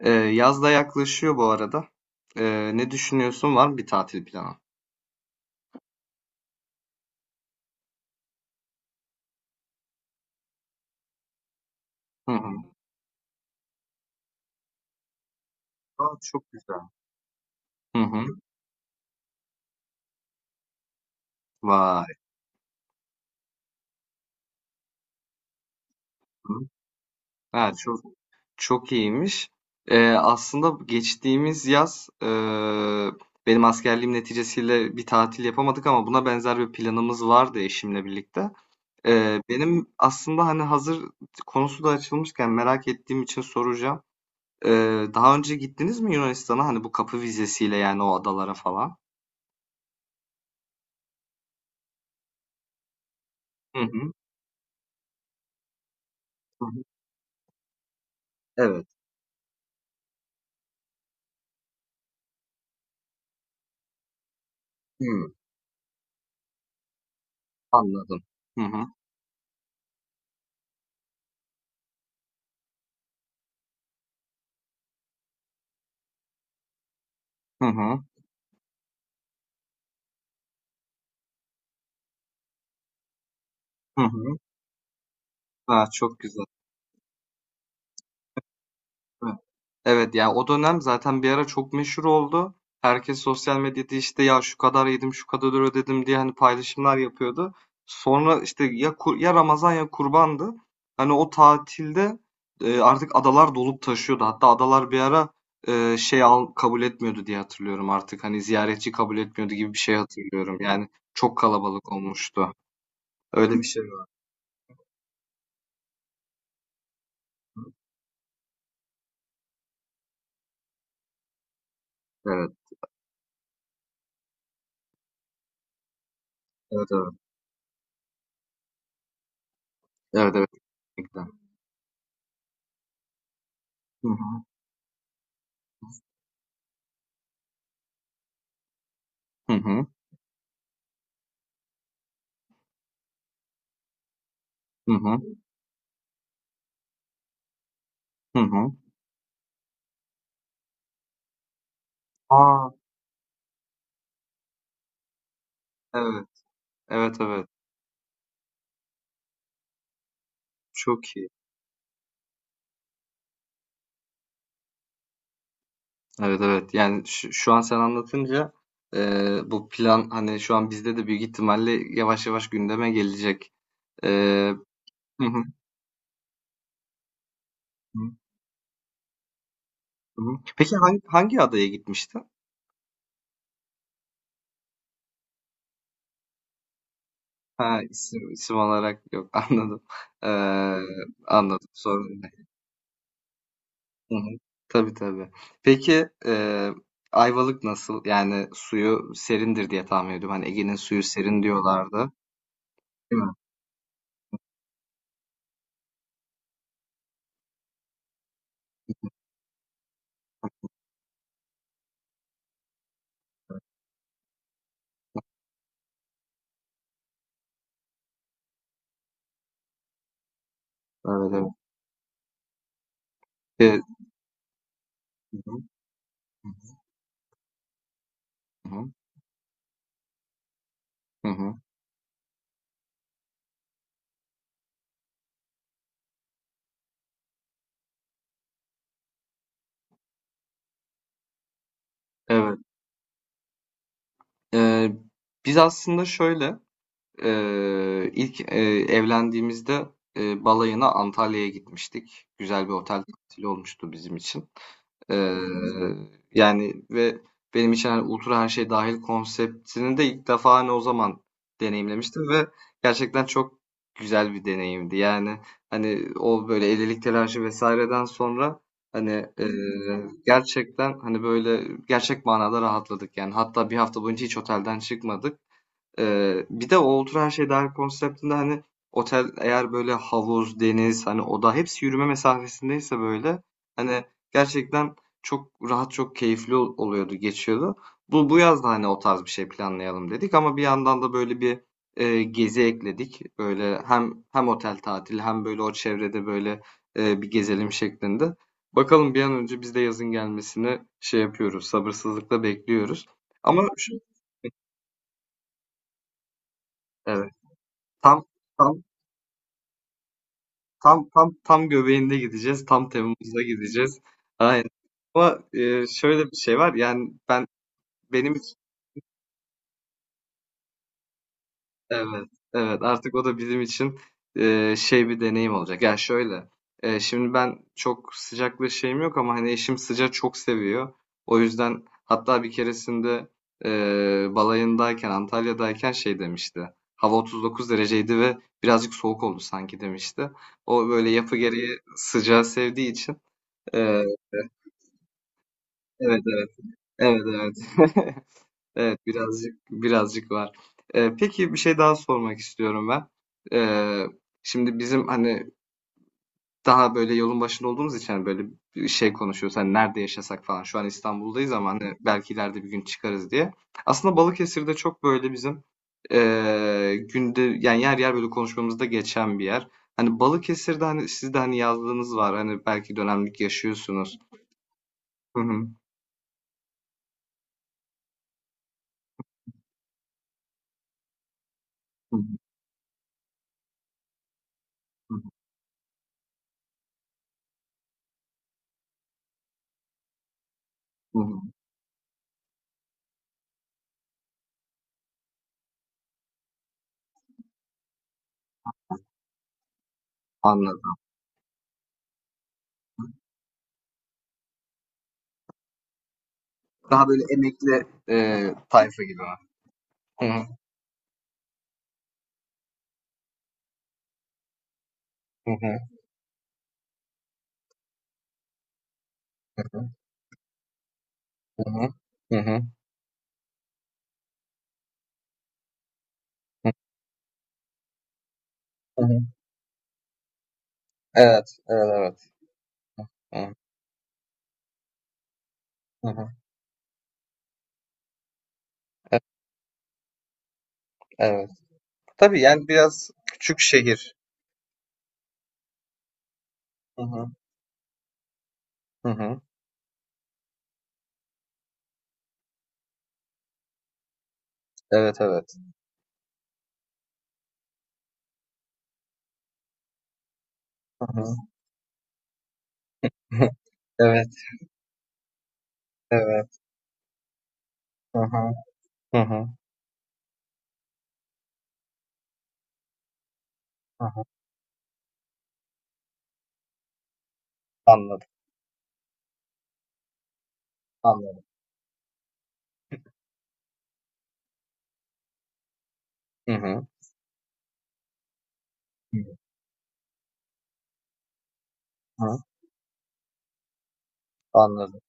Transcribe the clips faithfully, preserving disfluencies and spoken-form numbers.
Ee, yaz da yaklaşıyor bu arada. Ee, ne düşünüyorsun? Var mı bir tatil planı? Hı hı. Aa, çok güzel. Hı hı. Vay. Hı. Ha, çok çok iyiymiş. Ee, aslında geçtiğimiz yaz e, benim askerliğim neticesiyle bir tatil yapamadık ama buna benzer bir planımız vardı eşimle birlikte. Ee, benim aslında hani hazır konusu da açılmışken merak ettiğim için soracağım. Ee, daha önce gittiniz mi Yunanistan'a? Hani bu kapı vizesiyle yani o adalara falan. Hı hı. Evet. Hımm. Anladım. Hı hı. Hı hı. Hı hı. A, çok güzel. Evet. Evet, ya, o dönem zaten bir ara çok meşhur oldu. Herkes sosyal medyada, işte, "Ya, şu kadar yedim, şu kadar ödedim." diye, hani, paylaşımlar yapıyordu. Sonra, işte, ya kur ya Ramazan ya Kurban'dı. Hani, o tatilde, eee, artık adalar dolup taşıyordu. Hatta adalar bir ara, eee, şey al kabul etmiyordu diye hatırlıyorum artık. Hani, ziyaretçi kabul etmiyordu gibi bir şey hatırlıyorum. Yani çok kalabalık olmuştu. Öyle bir şey var. Evet. Evet, evet. Evet, evet, kesinlikle. Hı hı. Hı hı. Hı hı. Hı hı. A! Evet. Evet, evet. Çok iyi. Evet, evet. Yani şu şu an sen anlatınca, eee, bu plan, hani, şu an bizde de büyük ihtimalle yavaş yavaş gündeme gelecek. Eee Hı hı. Hı hı. Hı hı. Peki hangi hangi adaya gitmiştin? Ha, isim isim olarak yok. Anladım. Eee, Anladım. Sorun. Hı hı. Tabii tabii. Peki eee, Ayvalık nasıl? Yani suyu serindir diye tahmin ediyorum. Hani Ege'nin suyu serin diyorlardı. Değil mi? Evet evet. Evet. Hı hı. Hı hı. Hı hı. Evet. Eee, Biz aslında şöyle eee, ilk eee, evlendiğimizde eee, balayına Antalya'ya gitmiştik. Güzel bir otel tatili olmuştu bizim için. Ee, Yani ve benim için hani ultra her şey dahil konseptini de ilk defa hani o zaman deneyimlemiştim ve gerçekten çok güzel bir deneyimdi. Yani hani o böyle elilik telaşı vesaireden sonra hani e, gerçekten hani böyle gerçek manada rahatladık yani. Hatta bir hafta boyunca hiç otelden çıkmadık. Eee, bir de o Otur Her Şey Dahil konseptinde, hani, otel eğer böyle havuz, deniz, hani, oda hepsi yürüme mesafesindeyse böyle, hani, gerçekten çok rahat, çok keyifli ol oluyordu, geçiyordu. Bu bu yaz da, hani, o tarz bir şey planlayalım dedik ama bir yandan da böyle bir, eee, gezi ekledik. Böyle hem hem otel tatili hem böyle o çevrede böyle, eee, bir gezelim şeklinde. Bakalım bir an önce biz de yazın gelmesini şey yapıyoruz, sabırsızlıkla bekliyoruz. Ama şu Evet, tam tam Tam tam tam göbeğinde gideceğiz. Tam Temmuz'da gideceğiz. Aynen. Ama, eee, şöyle bir şey var. Yani ben benim için evet evet artık o da bizim için eee, şey bir deneyim olacak. Ya şöyle eee, şimdi ben çok sıcakla şeyim yok ama hani eşim sıcağı çok seviyor. O yüzden hatta bir keresinde eee, balayındayken Antalya'dayken şey demişti. Hava otuz dokuz dereceydi ve birazcık soğuk oldu sanki demişti. O böyle yapı gereği sıcağı sevdiği için. e, Evet, evet. Evet, evet. Evet, birazcık birazcık var. Ee, peki bir şey daha sormak istiyorum ben. Ee, Şimdi bizim hani daha böyle yolun başında olduğumuz için hani böyle bir şey konuşuyoruz. Hani nerede yaşasak falan. Şu an İstanbul'dayız ama hani belki ileride bir gün çıkarız diye. Aslında Balıkesir'de çok böyle bizim ee, günde yani yer yer böyle konuşmamızda geçen bir yer. Hani Balıkesir'de hani siz de hani yazlığınız var. Hani belki dönemlik yaşıyorsunuz. Hı hı. Hı hı. Hı hı. Anladım. Daha böyle emekli eee, tayfa gibi mi? Hı hı, hı hı, hı hı, hı hı, hı hı. Hı. Evet, evet, evet. Hı hı, hı. E- Evet. Tabii yani biraz küçük şehir. Hı hı, hı hı. Evet, evet. Hı hı. Evet, evet. Hı hı, hı hı, hı hı. Anladım, anladım. Hı hı, hı hı. Anladım.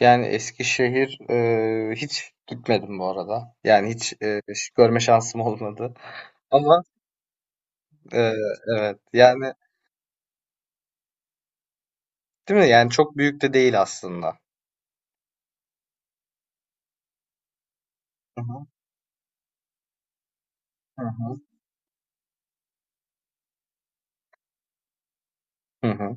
Yani Eskişehir eee hiç gitmedim bu arada. Yani hiç eee, hiç görme şansım olmadı. Ama eee, evet yani. Değil mi? Yani çok büyük de değil aslında. Hı hı. Hı hı. Hı hı.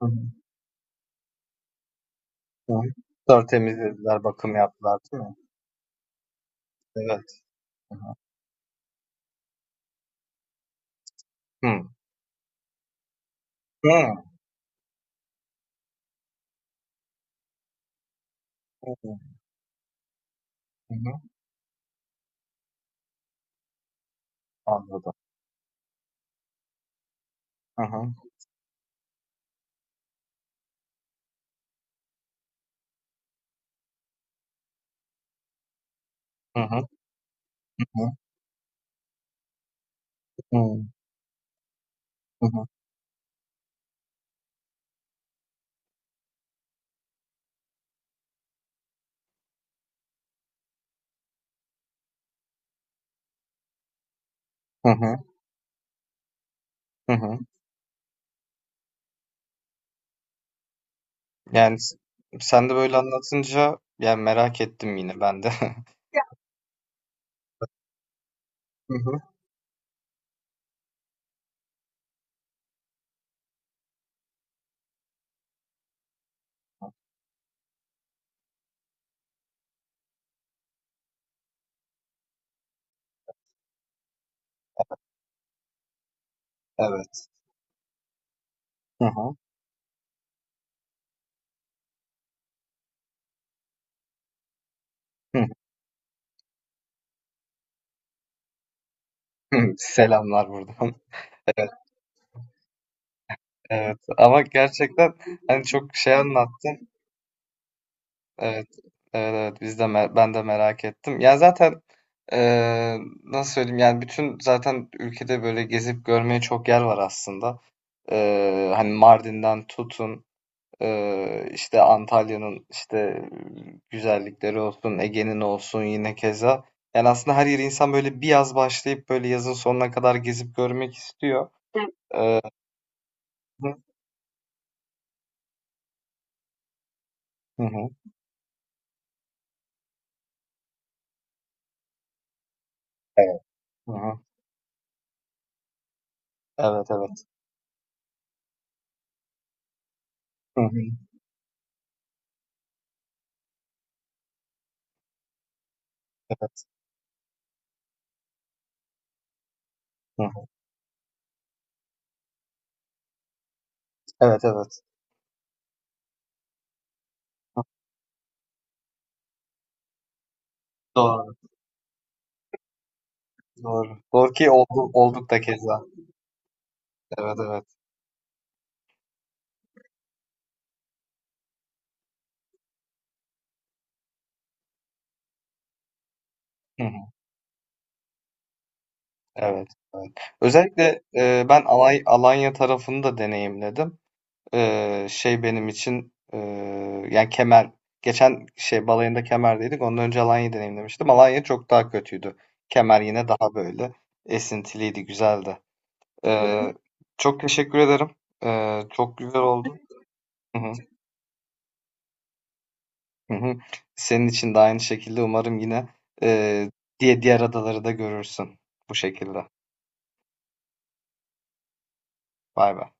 Hı hı. Hı hı. Tertemizlediler, bakım yaptılar, değil mi? Evet. Hı hı. Hı. Hı. Hı hı. Hı hı. Anladım. Hı hı. Hı hı. Hı hı. Hı hı. Hı hı. Hı hı. Yani s- sen de böyle anlatınca yani merak ettim yine ben de. Hı hı. Evet. Hı hı. Hı hı. Selamlar buradan. Evet. Evet. Ama gerçekten hani çok şey anlattın. Evet, evet, evet. Biz de me- ben de merak ettim. Ya zaten eee, nasıl söyleyeyim? Yani bütün zaten ülkede böyle gezip görmeye çok yer var aslında. Eee, hani Mardin'den tutun, eee, işte Antalya'nın işte güzellikleri olsun, Ege'nin olsun yine keza. Yani aslında her yeri insan böyle bir yaz başlayıp böyle yazın sonuna kadar gezip görmek istiyor. Eee, hı hı. Evet. Hı hı. Evet, evet. Hı hı. Evet. Hı hı. Evet, evet. Doğru. Doğru. Doğru ki oldu, olduk da keza. Evet evet. Hı hı. Evet. Evet. Özellikle e, ben Alay, Alanya tarafını da deneyimledim. E, şey benim için e, yani Kemer geçen şey balayında Kemer'deydik. Ondan önce Alanya'yı deneyimlemiştim. Alanya çok daha kötüydü. Kemer yine daha böyle esintiliydi, güzeldi. E, Çok teşekkür ederim. E, çok güzel oldu. Hı hı. Hı hı. Senin için de aynı şekilde umarım yine eee, diye diğer adaları da görürsün bu şekilde. Bay bay.